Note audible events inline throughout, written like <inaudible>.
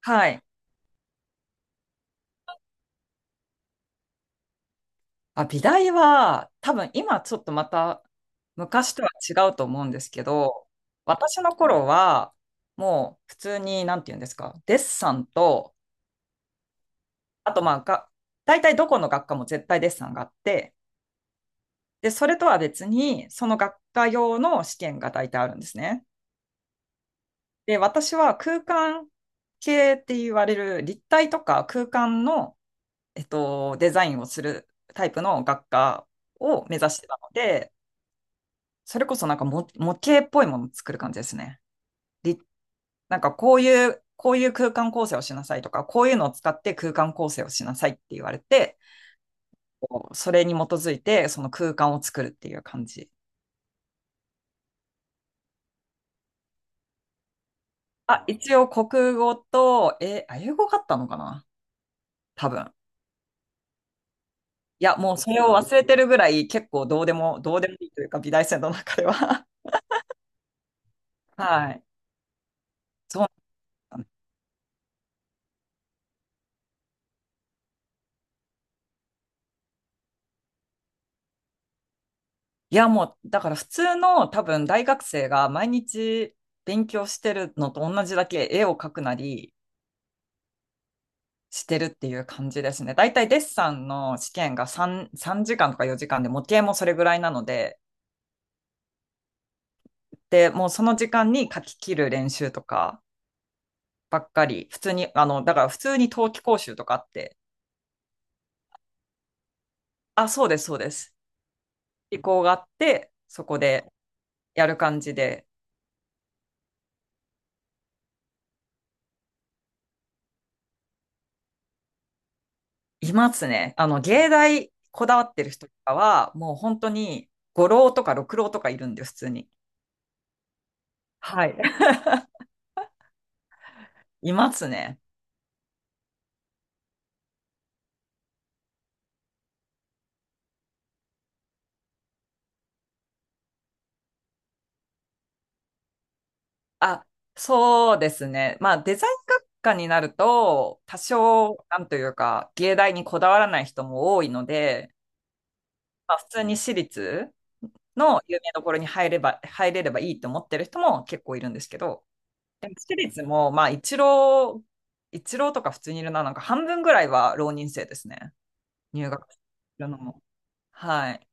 はい。あ、美大は、多分今ちょっとまた昔とは違うと思うんですけど、私の頃は、もう普通に、なんて言うんですか、デッサンと、あとまあが、大体どこの学科も絶対デッサンがあって、で、それとは別に、その学科用の試験が大体あるんですね。で、私は空間系って言われる立体とか空間の、デザインをするタイプの学科を目指してたので、それこそなんかも模型っぽいものを作る感じですね。りなんかこういう空間構成をしなさいとか、こういうのを使って空間構成をしなさいって言われて、それに基づいてその空間を作るっていう感じ。あ、一応国語と、英語があったのかな、多分。いや、もうそれを忘れてるぐらい結構どうでもいいというか、美大生の中では。<laughs> はい。そう。いや、もう、だから普通の多分大学生が毎日勉強してるのと同じだけ絵を描くなりしてるっていう感じですね。だいたいデッサンの試験が3時間とか4時間で、模型もそれぐらいなので、で、もうその時間に描き切る練習とかばっかり、普通に、だから普通に冬季講習とかあって、あ、そうです、そうです。意向があって、そこでやる感じで。いますね。芸大こだわってる人とかは、もう本当に五浪とか六浪とかいるんで、普通に。はい。<laughs> いますね。あ、そうですね。まあ、デザイン学科になると、多少、なんというか、芸大にこだわらない人も多いので、まあ、普通に私立の有名どころに入れればいいと思ってる人も結構いるんですけど、でも私立も、まあ、一浪とか普通にいるな、なんか半分ぐらいは浪人生ですね。入学するのも。はい。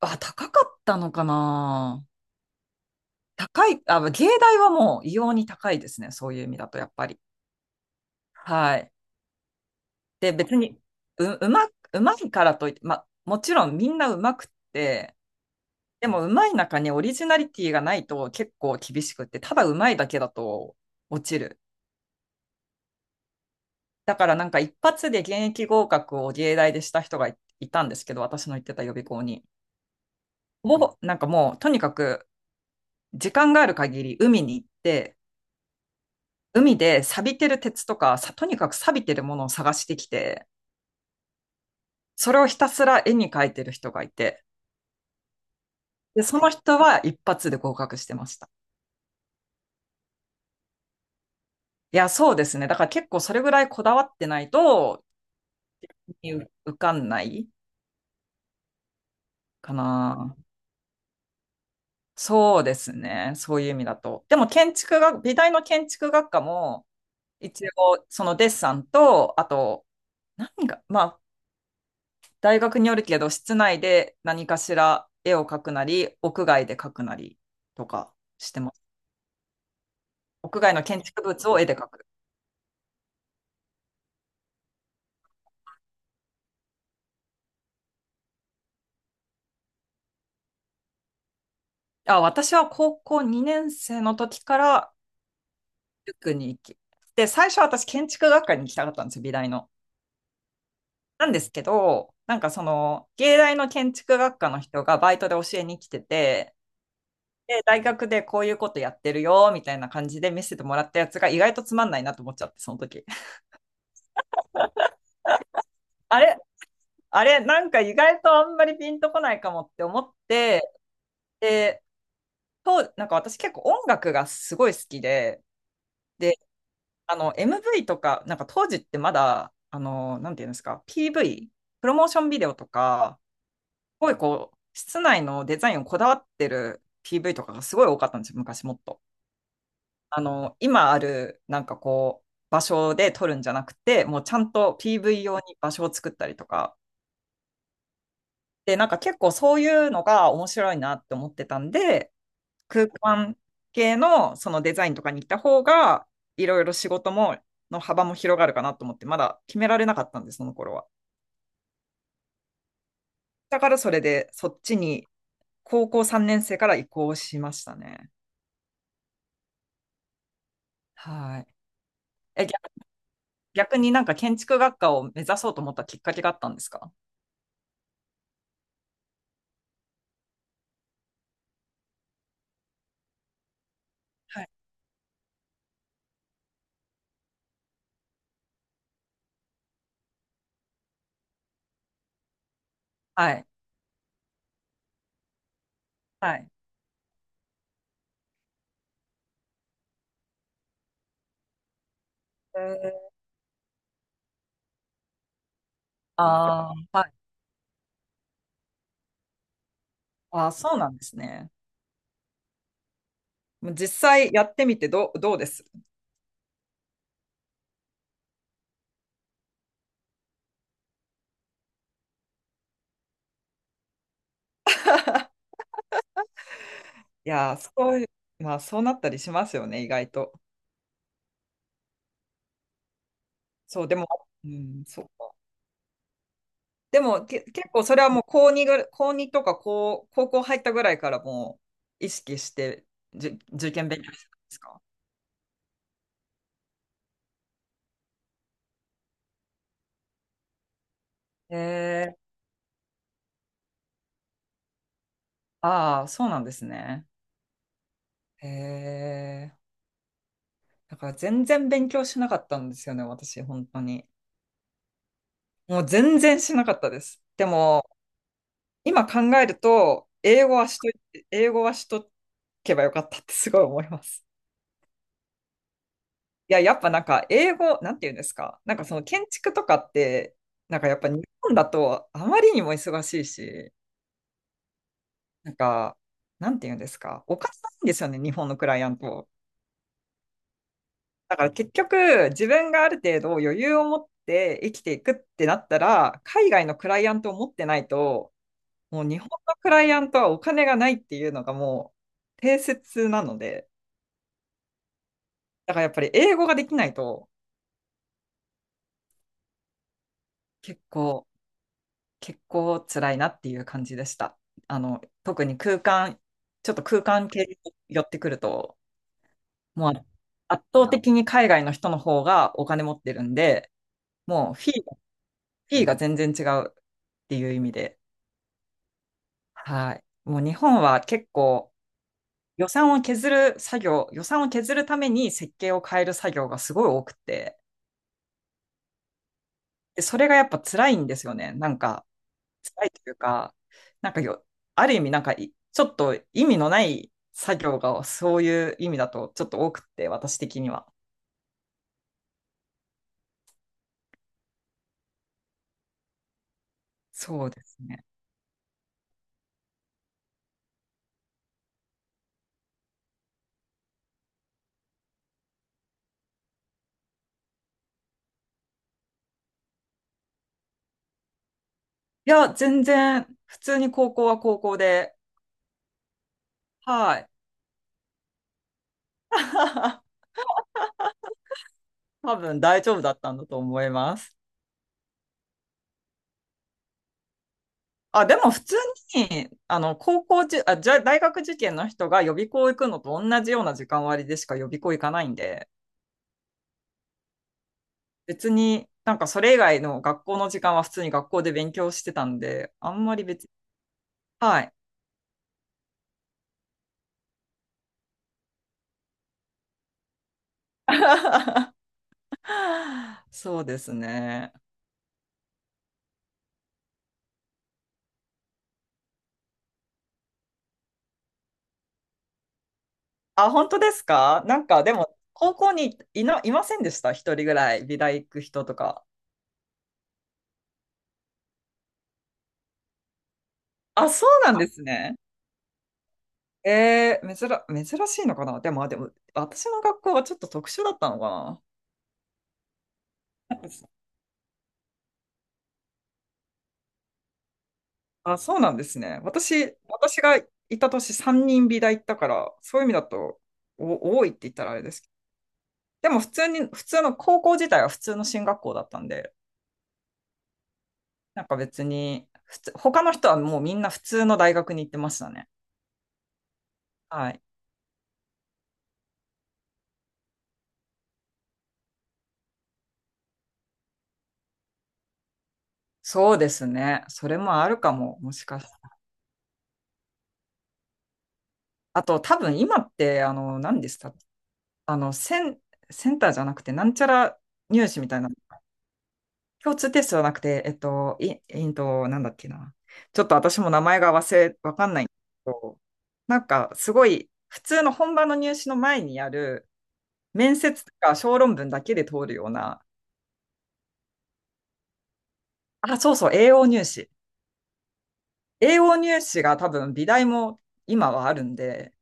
あ、高かったのかな。あ、芸大はもう異様に高いですね。そういう意味だと、やっぱり。はい。で、別に、う、うま、うまいからといって、もちろんみんなうまくって、でもうまい中にオリジナリティがないと結構厳しくって、ただうまいだけだと落ちる。だからなんか一発で現役合格を芸大でした人いたんですけど、私の行ってた予備校に。もう、なんかもう、とにかく時間がある限り海に行って、海で錆びてる鉄とか、とにかく錆びてるものを探してきて、それをひたすら絵に描いてる人がいて、で、その人は一発で合格してました。いや、そうですね。だから結構それぐらいこだわってないと、受かんないかな。そうですね。そういう意味だと。でも建築学、美大の建築学科も、一応、そのデッサンと、あと、まあ、大学によるけど、室内で何かしら絵を描くなり、屋外で描くなりとかしてます。屋外の建築物を絵で描く。あ、私は高校2年生の時から塾に行き、で、最初は私建築学科に行きたかったんですよ、美大の。なんですけど、なんかその、芸大の建築学科の人がバイトで教えに来てて、で、大学でこういうことやってるよ、みたいな感じで見せてもらったやつが意外とつまんないなと思っちゃって、その時。<laughs> あれあれ、なんか意外とあんまりピンとこないかもって思って、で、なんか私結構音楽がすごい好きで、で、MV とか、なんか当時ってまだ、なんていうんですか、PV、プロモーションビデオとか、すごいこう、室内のデザインをこだわってる PV とかがすごい多かったんですよ、昔もっと。今ある、なんかこう、場所で撮るんじゃなくて、もうちゃんと PV 用に場所を作ったりとか、で、なんか結構そういうのが面白いなって思ってたんで、空間系のそのデザインとかに行った方が、いろいろ仕事も、の幅も広がるかなと思って、まだ決められなかったんです、その頃は。だからそれで、そっちに高校3年生から移行しましたね。はい。え、逆逆になんか建築学科を目指そうと思ったきっかけがあったんですか？はい。はい。はい。えーああ、はい。あー、そうなんですね。もう実際やってみてどうです？いやー、そういう、まあそうなったりしますよね、意外と。そう、でも、うん、そう。で結構それはもう高2とか高校入ったぐらいからもう意識して受験勉強してたんですか？へえ、ああ、そうなんですね。へえ、だから全然勉強しなかったんですよね、私、本当に。もう全然しなかったです。でも、今考えると、英語はしとけばよかったってすごい思います。いや、やっぱなんか英語、なんて言うんですか。なんかその建築とかって、なんかやっぱ日本だとあまりにも忙しいし、なんか、なんて言うんですか。おかしいんですよね、日本のクライアント。だから結局、自分がある程度余裕を持って生きていくってなったら、海外のクライアントを持ってないと、もう日本のクライアントはお金がないっていうのがもう定説なので、だからやっぱり英語ができないと結構、結構辛いなっていう感じでした。特にちょっと空間系に寄ってくると、もう圧倒的に海外の人の方がお金持ってるんで、もうフィーが全然違うっていう意味で、はい。もう日本は結構予算を削る作業、予算を削るために設計を変える作業がすごい多くて、でそれがやっぱ辛いんですよね。なんか、辛いというか、なんかよ、ある意味なんかちょっと意味のない作業がそういう意味だとちょっと多くって、私的には。そうですね。いや、全然、普通に高校は高校で、はい。<laughs> 多分大丈夫だったんだと思います。あ、でも普通に、高校じゅ、あ、じゃ、大学受験の人が予備校行くのと同じような時間割でしか予備校行かないんで、別になんかそれ以外の学校の時間は普通に学校で勉強してたんで、あんまりはい。<laughs> そうですね。あ、本当ですか？なんかでも、高校にいませんでした、一人ぐらい、美大行く人とか。あ、そうなんですね。珍しいのかな。でも、あでも、私の学校はちょっと特殊だったのかな。 <laughs> あ、そうなんですね。私がいた年3人美大行ったから、そういう意味だと多いって言ったらあれですけど。でも普通に、普通の高校自体は普通の進学校だったんで、なんか別に、普通、他の人はもうみんな普通の大学に行ってましたね。はい。そうですね。それもあるかも、もしかして。あと、多分今って、何でした？あの、セン、センターじゃなくて、なんちゃら入試みたいな、共通テストじゃなくて、えっと、い、えっと、なんだっけな。ちょっと私も名前がわかんないんだけど、なんか、すごい、普通の本番の入試の前にやる、面接とか小論文だけで通るような、あ、そうそう、栄養入試。英語入試が多分美大も今はあるんで、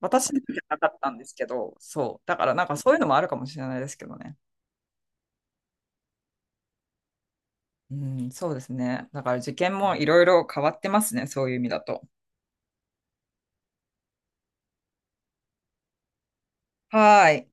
私の時はなかったんですけど、そう。だからなんかそういうのもあるかもしれないですけどね。うん、そうですね。だから受験もいろいろ変わってますね、そういう意味だと。はーい。